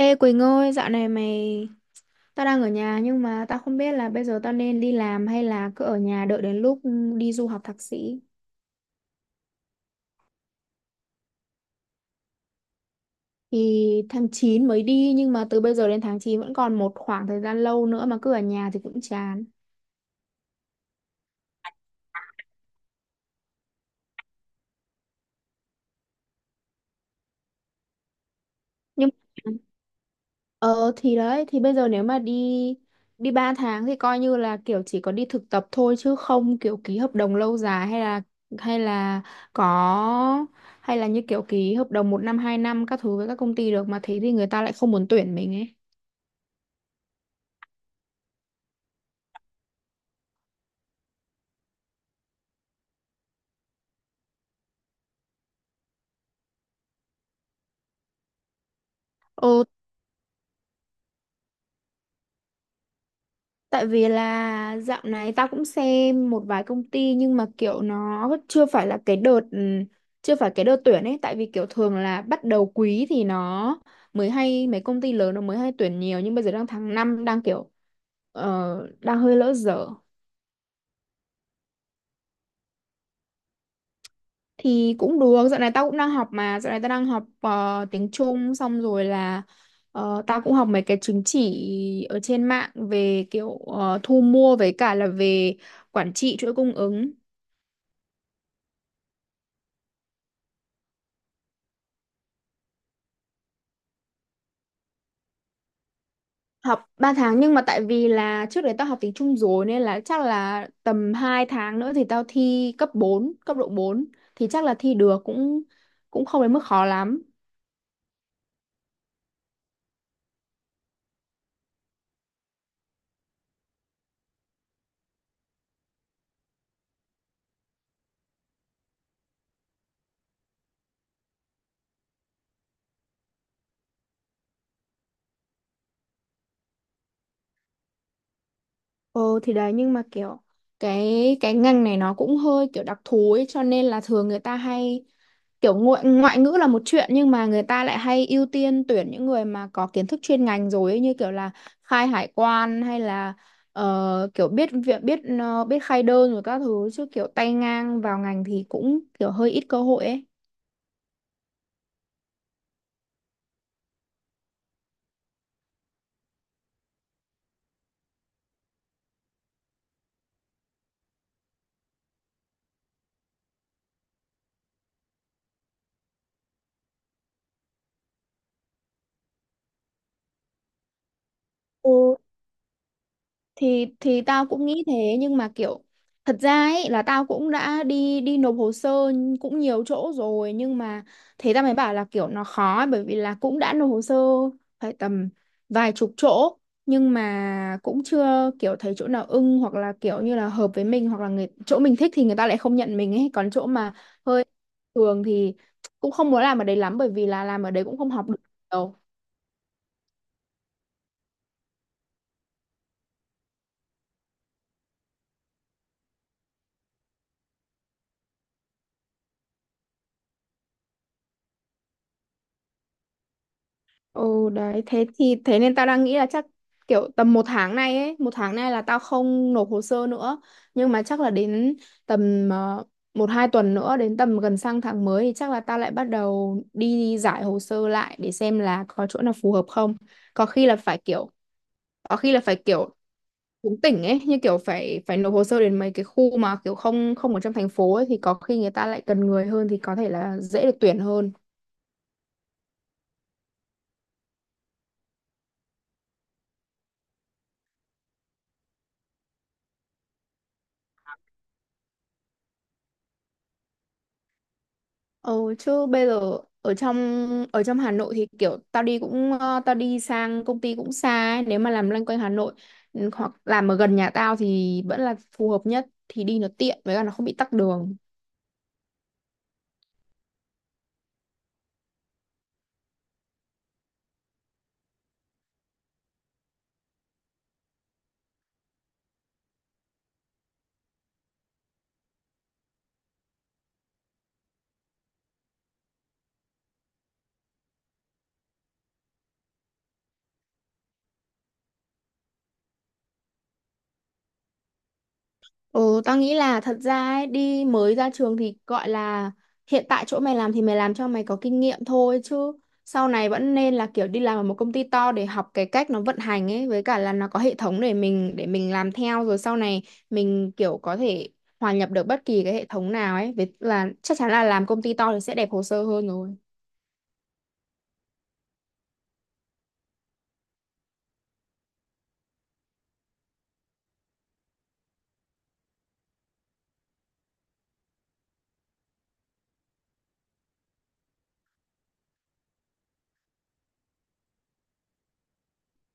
Ê Quỳnh ơi, tao đang ở nhà nhưng mà tao không biết là bây giờ tao nên đi làm hay là cứ ở nhà đợi đến lúc đi du học thạc sĩ. Thì tháng 9 mới đi nhưng mà từ bây giờ đến tháng 9 vẫn còn một khoảng thời gian lâu nữa mà cứ ở nhà thì cũng chán. Nhưng Ờ thì đấy, thì bây giờ nếu mà đi đi 3 tháng thì coi như là kiểu chỉ có đi thực tập thôi chứ không kiểu ký hợp đồng lâu dài hay là có hay là như kiểu ký hợp đồng 1 năm 2 năm các thứ với các công ty được mà thế thì người ta lại không muốn tuyển mình ấy. Ừ. Tại vì là dạo này tao cũng xem một vài công ty nhưng mà kiểu nó chưa phải là cái đợt chưa phải cái đợt tuyển ấy, tại vì kiểu thường là bắt đầu quý thì nó mới hay, mấy công ty lớn nó mới hay tuyển nhiều, nhưng bây giờ đang tháng 5 đang đang hơi lỡ dở. Thì cũng được, dạo này tao cũng đang học mà, dạo này tao đang học tiếng Trung, xong rồi là tao cũng học mấy cái chứng chỉ ở trên mạng về kiểu thu mua với cả là về quản trị chuỗi cung ứng. Học 3 tháng nhưng mà tại vì là trước đấy tao học tiếng Trung rồi nên là chắc là tầm 2 tháng nữa thì tao thi cấp độ 4, thì chắc là thi được, cũng cũng không đến mức khó lắm. Ừ thì đấy, nhưng mà kiểu cái ngành này nó cũng hơi kiểu đặc thù ấy, cho nên là thường người ta hay kiểu ngoại ngữ là một chuyện, nhưng mà người ta lại hay ưu tiên tuyển những người mà có kiến thức chuyên ngành rồi ấy, như kiểu là khai hải quan hay là kiểu biết việc, biết khai đơn rồi các thứ, chứ kiểu tay ngang vào ngành thì cũng kiểu hơi ít cơ hội ấy. Ừ, thì tao cũng nghĩ thế, nhưng mà kiểu thật ra ấy là tao cũng đã đi đi nộp hồ sơ cũng nhiều chỗ rồi, nhưng mà thế tao mới bảo là kiểu nó khó ấy, bởi vì là cũng đã nộp hồ sơ phải tầm vài chục chỗ nhưng mà cũng chưa kiểu thấy chỗ nào ưng, hoặc là kiểu như là hợp với mình, hoặc là người chỗ mình thích thì người ta lại không nhận mình ấy. Còn chỗ mà hơi thường thì cũng không muốn làm ở đấy lắm, bởi vì là làm ở đấy cũng không học được nhiều. Ừ đấy, thế thì thế nên tao đang nghĩ là chắc kiểu tầm 1 tháng này là tao không nộp hồ sơ nữa, nhưng mà chắc là đến tầm 1 2 tuần nữa, đến tầm gần sang tháng mới thì chắc là tao lại bắt đầu đi giải hồ sơ lại để xem là có chỗ nào phù hợp không. có khi là phải kiểu có khi là phải kiểu cũng tỉnh ấy, như kiểu phải phải nộp hồ sơ đến mấy cái khu mà kiểu không không ở trong thành phố ấy, thì có khi người ta lại cần người hơn thì có thể là dễ được tuyển hơn. Ừ, chứ bây giờ ở trong Hà Nội thì kiểu tao đi sang công ty cũng xa ấy. Nếu mà làm loanh quanh Hà Nội, ừ, hoặc làm ở gần nhà tao thì vẫn là phù hợp nhất, thì đi nó tiện với cả nó không bị tắc đường. Ừ, tao nghĩ là thật ra ấy, đi mới ra trường thì gọi là hiện tại chỗ mày làm thì mày làm cho mày có kinh nghiệm thôi, chứ sau này vẫn nên là kiểu đi làm ở một công ty to để học cái cách nó vận hành ấy, với cả là nó có hệ thống để mình làm theo, rồi sau này mình kiểu có thể hòa nhập được bất kỳ cái hệ thống nào ấy, với là chắc chắn là làm công ty to thì sẽ đẹp hồ sơ hơn rồi.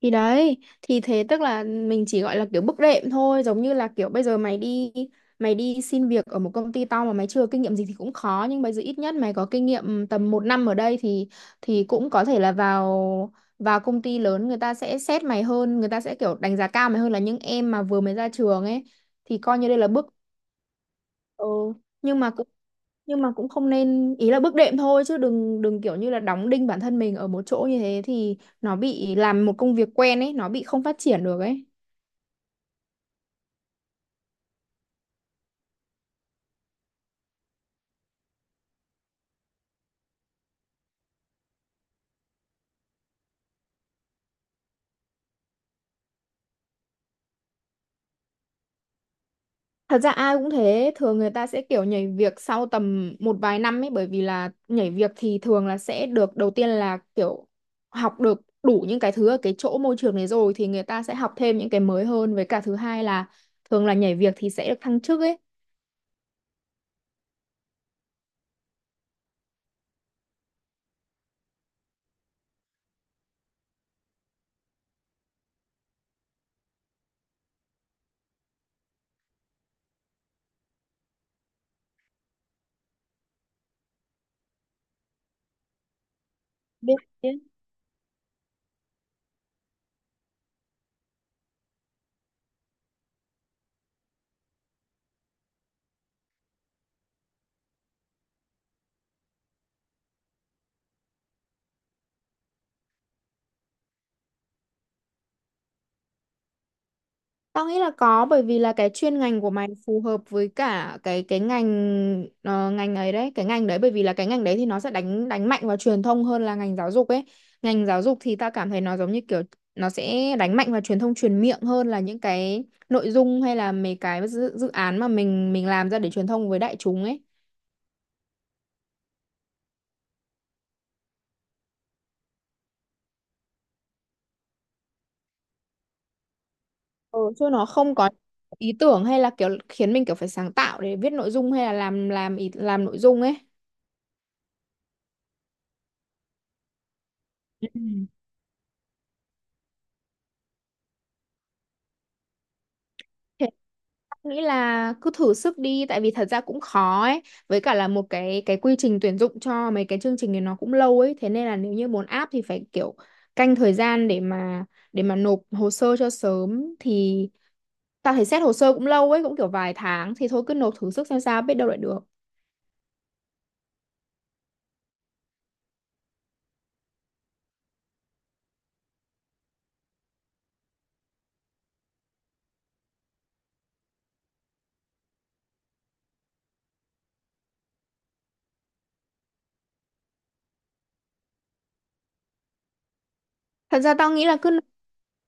Thì đấy, thì thế tức là mình chỉ gọi là kiểu bước đệm thôi, giống như là kiểu bây giờ mày đi xin việc ở một công ty to mà mày chưa kinh nghiệm gì thì cũng khó, nhưng bây giờ ít nhất mày có kinh nghiệm tầm 1 năm ở đây thì cũng có thể là vào vào công ty lớn người ta sẽ xét mày hơn, người ta sẽ kiểu đánh giá cao mày hơn là những em mà vừa mới ra trường ấy. Thì coi như đây là bước. Ừ. nhưng mà cũng nhưng mà cũng không nên, ý là bước đệm thôi chứ đừng đừng kiểu như là đóng đinh bản thân mình ở một chỗ như thế, thì nó bị làm một công việc quen ấy, nó bị không phát triển được ấy. Thật ra ai cũng thế, thường người ta sẽ kiểu nhảy việc sau tầm một vài năm ấy, bởi vì là nhảy việc thì thường là sẽ được, đầu tiên là kiểu học được đủ những cái thứ ở cái chỗ môi trường đấy rồi thì người ta sẽ học thêm những cái mới hơn, với cả thứ hai là thường là nhảy việc thì sẽ được thăng chức ấy. Biết. Tao nghĩ là có, bởi vì là cái chuyên ngành của mày phù hợp với cả cái ngành ngành ấy đấy, cái ngành đấy bởi vì là cái ngành đấy thì nó sẽ đánh đánh mạnh vào truyền thông hơn là ngành giáo dục ấy. Ngành giáo dục thì tao cảm thấy nó giống như kiểu nó sẽ đánh mạnh vào truyền thông truyền miệng hơn là những cái nội dung, hay là mấy cái dự án mà mình làm ra để truyền thông với đại chúng ấy. Ừ, chứ nó không có ý tưởng, hay là kiểu khiến mình kiểu phải sáng tạo để viết nội dung, hay là làm nội dung ấy. Ừ. Thế em nghĩ là cứ thử sức đi, tại vì thật ra cũng khó ấy, với cả là một cái quy trình tuyển dụng cho mấy cái chương trình này nó cũng lâu ấy, thế nên là nếu như muốn áp thì phải kiểu canh thời gian để mà nộp hồ sơ cho sớm, thì tao thấy xét hồ sơ cũng lâu ấy, cũng kiểu vài tháng, thì thôi cứ nộp thử sức xem sao, biết đâu lại được. Thật ra tao nghĩ là cứ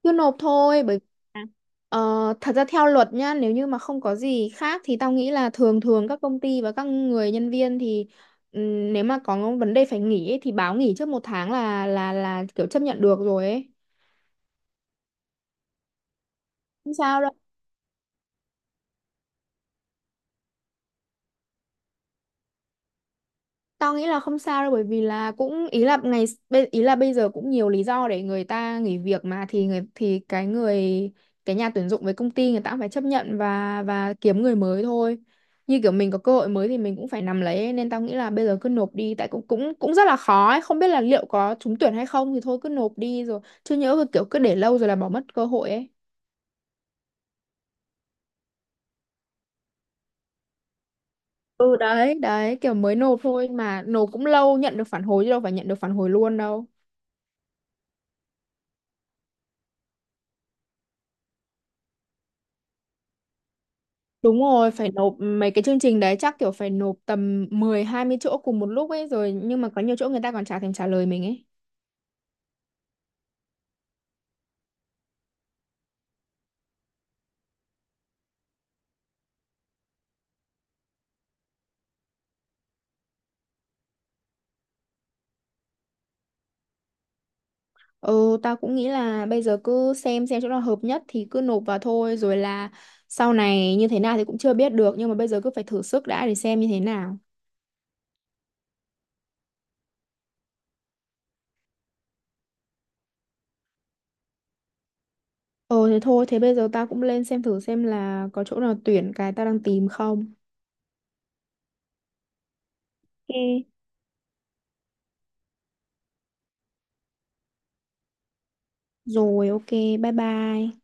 cứ nộp thôi, bởi vì là, ờ, thật ra theo luật nhá, nếu như mà không có gì khác thì tao nghĩ là thường thường các công ty và các người nhân viên thì nếu mà có vấn đề phải nghỉ ấy, thì báo nghỉ trước 1 tháng là kiểu chấp nhận được rồi ấy. Không sao đâu. Tao nghĩ là không sao đâu, bởi vì là cũng, ý là ý là bây giờ cũng nhiều lý do để người ta nghỉ việc mà, thì cái nhà tuyển dụng với công ty, người ta cũng phải chấp nhận và kiếm người mới thôi. Như kiểu mình có cơ hội mới thì mình cũng phải nắm lấy ấy, nên tao nghĩ là bây giờ cứ nộp đi, tại cũng cũng cũng rất là khó ấy, không biết là liệu có trúng tuyển hay không, thì thôi cứ nộp đi rồi, chứ nhỡ kiểu cứ để lâu rồi là bỏ mất cơ hội ấy. Ừ đấy, đấy kiểu mới nộp thôi mà nộp cũng lâu nhận được phản hồi, chứ đâu phải nhận được phản hồi luôn đâu. Đúng rồi, phải nộp mấy cái chương trình đấy chắc kiểu phải nộp tầm 10 20 chỗ cùng một lúc ấy rồi, nhưng mà có nhiều chỗ người ta còn chả thèm trả lời mình ấy. Ừ, tao cũng nghĩ là bây giờ cứ xem chỗ nào hợp nhất thì cứ nộp vào thôi, rồi là sau này như thế nào thì cũng chưa biết được, nhưng mà bây giờ cứ phải thử sức đã để xem như thế nào. Ừ thế thôi, thế bây giờ tao cũng lên xem thử xem là có chỗ nào tuyển cái tao đang tìm không. Ok. Rồi ok, bye bye.